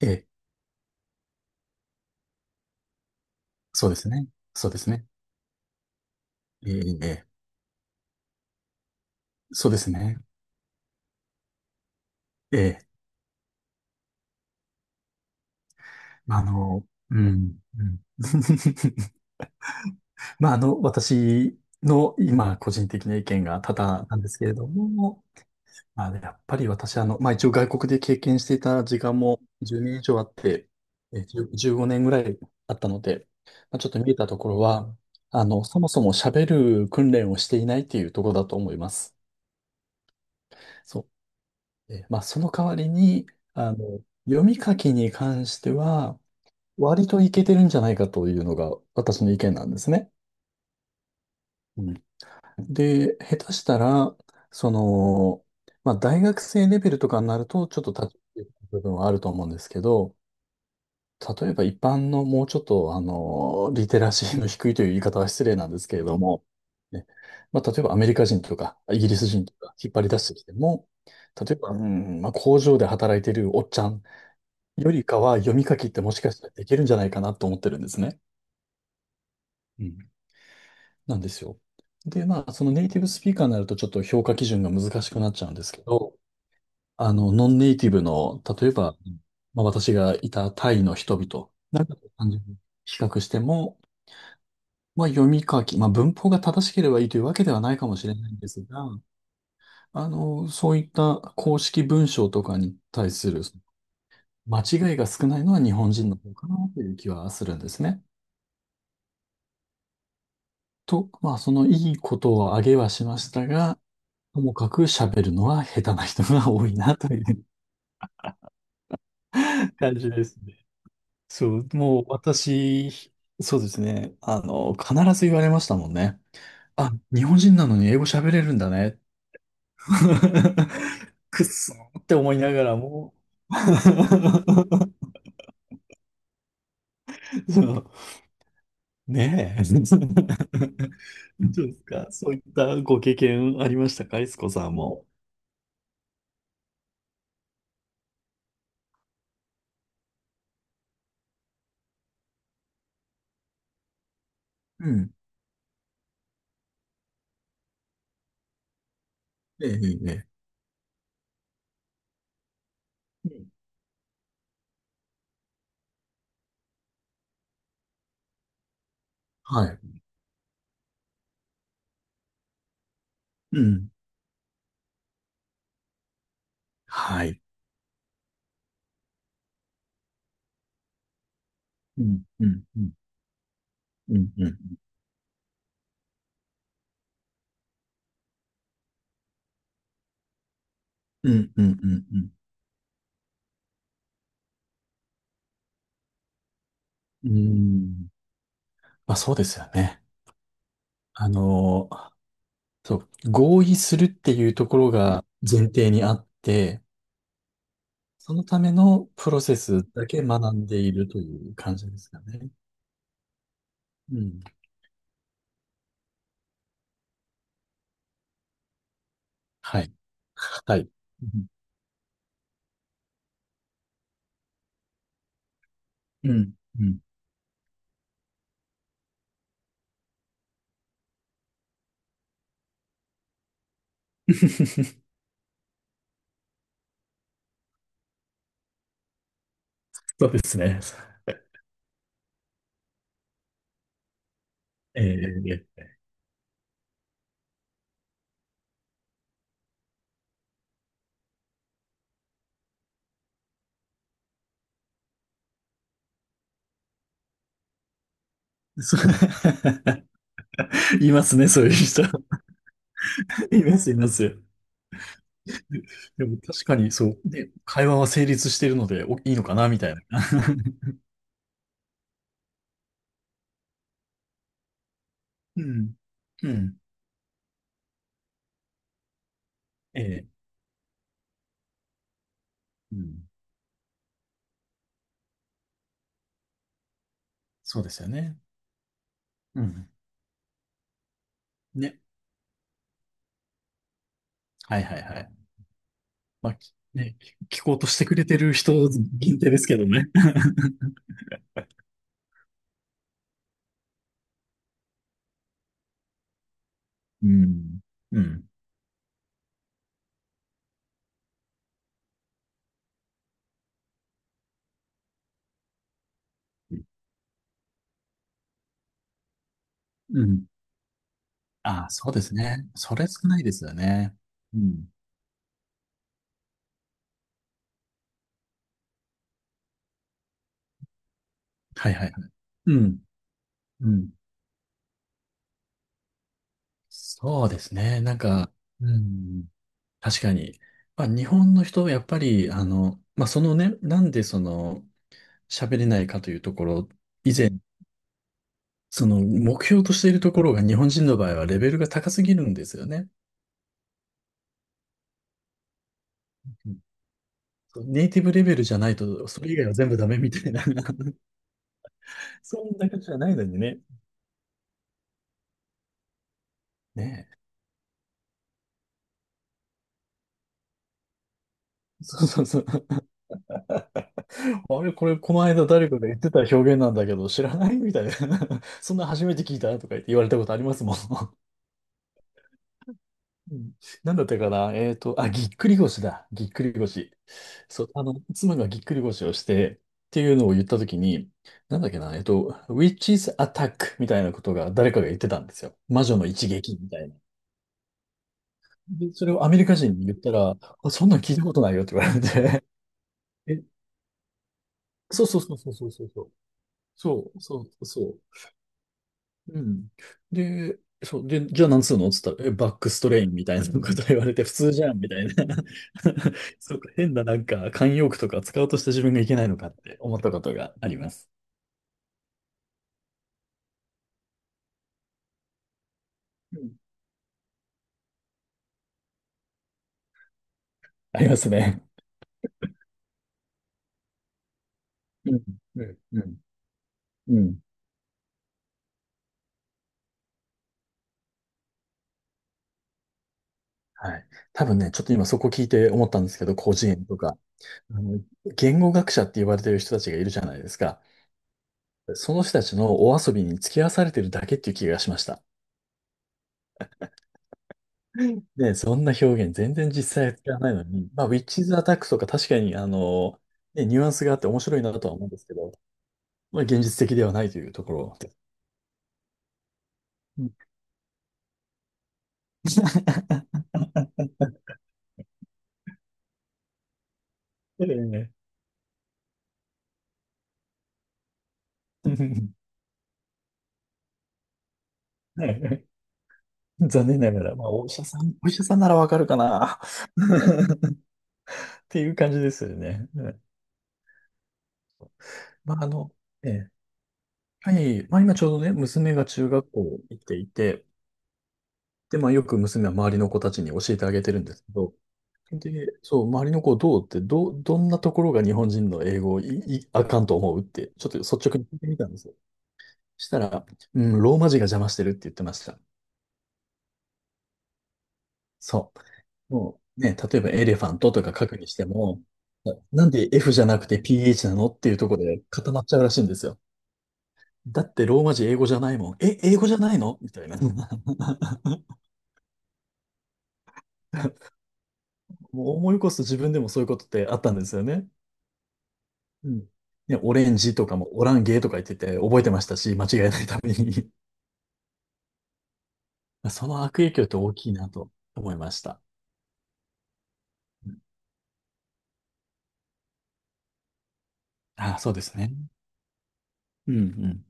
ええ、そうですね。そうですね。ええ、そうですね。ええ、まあ、あの、うん、うん。まあ、あの、私の今、個人的な意見が多々なんですけれども、まあ、やっぱり私、まあ、一応外国で経験していた時間も10年以上あって、10 15年ぐらいあったので、まあ、ちょっと見えたところは、あの、そもそも喋る訓練をしていないっていうところだと思います。そうえまあ、その代わりに、あの、読み書きに関しては、割といけてるんじゃないかというのが私の意見なんですね。うんで、下手したら、その、まあ、大学生レベルとかになると、ちょっと立ち入る部分はあると思うんですけど、例えば一般のもうちょっと、あの、リテラシーの低いという言い方は失礼なんですけれども、ね、まあ、例えばアメリカ人とか、イギリス人とか引っ張り出してきても、例えば、まあ、工場で働いてるおっちゃんよりかは読み書きってもしかしたらできるんじゃないかなと思ってるんですね。うん。なんですよ。で、まあ、そのネイティブスピーカーになるとちょっと評価基準が難しくなっちゃうんですけど、あの、ノンネイティブの、例えば、まあ、私がいたタイの人々、なんか単純に比較しても、まあ、読み書き、まあ、文法が正しければいいというわけではないかもしれないんですが、あの、そういった公式文章とかに対する間違いが少ないのは日本人の方かなという気はするんですね。と、まあ、そのいいことを挙げはしましたが、ともかく喋るのは下手な人が多いなという 感じですね。そう、もう私、そうですね。あの、必ず言われましたもんね。あ、日本人なのに英語喋れるんだね。くっそーって思いながらも そう、ねえ。どうですかそういったご経験ありましたか、いつこさんも。うん。ええ、ええ。ええ。はい。うん。はい。うん、うん、うん、うん、うん、うん、うん、うん、うん。うんまあそうですよね。あの、そう、合意するっていうところが前提にあって、そのためのプロセスだけ学んでいるという感じですかね。うん。はい。はい。うん。うん。うん そうですね。ええ、そう いますね、そういう人。います、います。で でも確かにそう。で、会話は成立しているので、お、いいのかな、みたいな。うん。うん。ええ。うん。そうですよね。うん。ね。はいはいはい。まあ、きね、き聞こうとしてくれてる人限定ですけどね。うん。うん。うん。ああ、そうですね。それ少ないですよね。うん。はいはいはい。うん。うん。そうですね。なんか、うん。確かに。まあ、日本の人はやっぱり、あの、まあ、そのね、なんでその、喋れないかというところ、以前、その、目標としているところが日本人の場合はレベルが高すぎるんですよね。うんネイティブレベルじゃないと、それ以外は全部ダメみたいな、そんな感じじゃないのにね。ねえ。そうそうそう。あれ、これ、この間誰かが言ってた表現なんだけど、知らないみたいな。そんな初めて聞いたとか言って言われたことありますもん。うん、なんだったかな、あ、ぎっくり腰だ。ぎっくり腰。そう、あの、妻がぎっくり腰をして、っていうのを言ったときに、なんだっけな、えっと、Witch's Attack みたいなことが誰かが言ってたんですよ。魔女の一撃みたいな。で、それをアメリカ人に言ったら、あ、そんなん聞いたことないよって言われて。え、そうそうそうそうそうそう。そうそうそう。うん。で、そう、で、じゃあ何するのっつったら、え、バックストレインみたいなこと言われて、普通じゃんみたいな。そうか、変ななんか慣用句とか使おうとした自分がいけないのかって思ったことがあります。うんありますね。うん、うん、うん。うん。はい。多分ね、ちょっと今そこ聞いて思ったんですけど、個人とか、あの、言語学者って言われてる人たちがいるじゃないですか。その人たちのお遊びに付き合わされてるだけっていう気がしました。ね、そんな表現全然実際は使わないのに、まあ、ウィッチズ・アタックとか確かに、あの、ね、ニュアンスがあって面白いなとは思うんですけど、まあ、現実的ではないというところです。うんええうんはい 残念ながら、まあ、お医者さん、お医者さんならわかるかな っていう感じですよね。うんまあ、あの、ええ、はい、まあ、今ちょうどね、娘が中学校行っていて、で、まあ、よく娘は周りの子たちに教えてあげてるんですけど、で、そう、周りの子どうって、どんなところが日本人の英語をあかんと思うって、ちょっと率直に聞いてみたんですよ。したら、うん、ローマ字が邪魔してるって言ってました。そう。もうね、例えばエレファントとか書くにしても、なんで F じゃなくて PH なのっていうところで固まっちゃうらしいんですよ。だってローマ字英語じゃないもん。え、英語じゃないのみたいな。もう思い起こすと自分でもそういうことってあったんですよね。うん。ね、オレンジとかもオランゲーとか言ってて覚えてましたし、間違えないために。その悪影響って大きいなと思いました。うんあ、そうですね。うんうん。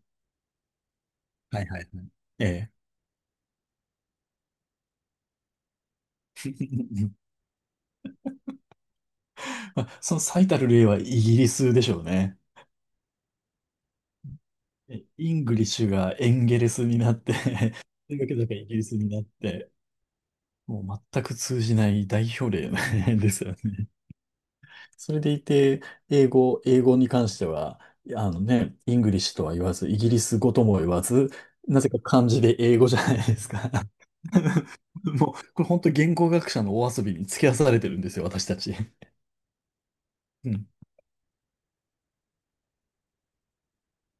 はいはいはい。ええ。まあその最たる例はイギリスでしょうね。イングリッシュがエンゲレスになって それだけ だけイギリスになって、もう全く通じない代表例 ですよね。それでいて、英語に関しては、あのね、イングリッシュとは言わず、イギリス語とも言わず、なぜか漢字で英語じゃないですか。もう、これ本当言語学者のお遊びに付き合わされてるんですよ、私たち。うん。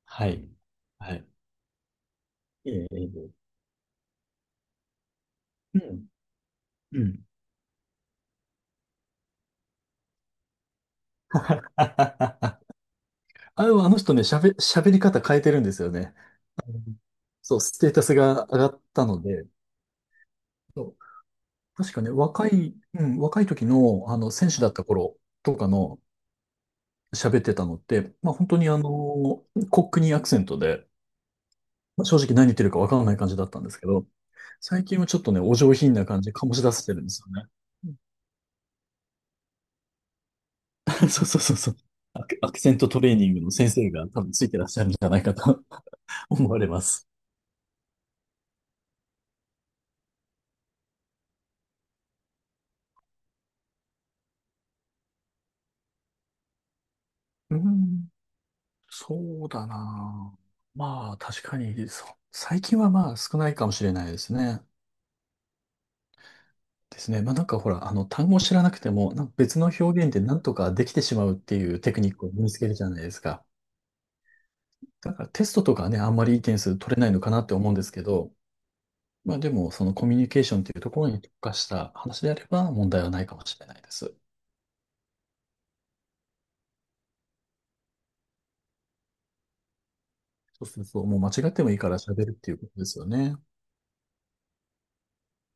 はい。はい。ええ。うん。うん。あの、でもあの人ね、喋り方変えてるんですよね。そう、ステータスが上がったので、確かね、若い時の、あの、選手だった頃とかの喋ってたのって、まあ本当にあの、コックニーアクセントで、まあ、正直何言ってるかわからない感じだったんですけど、最近はちょっとね、お上品な感じ、醸し出してるんですよね。そうそうそうそう。アクセントトレーニングの先生が多分ついてらっしゃるんじゃないかと 思われます。うん、そうだな。まあ、確かに、そう。最近はまあ少ないかもしれないですね。ですね。まあなんかほら、あの、単語を知らなくても、なんか別の表現でなんとかできてしまうっていうテクニックを身につけるじゃないですか。だからテストとかはね、あんまりいい点数取れないのかなって思うんですけど、まあでも、そのコミュニケーションっていうところに特化した話であれば問題はないかもしれないです。そうそうそう、もう間違ってもいいから喋るっていうことですよね。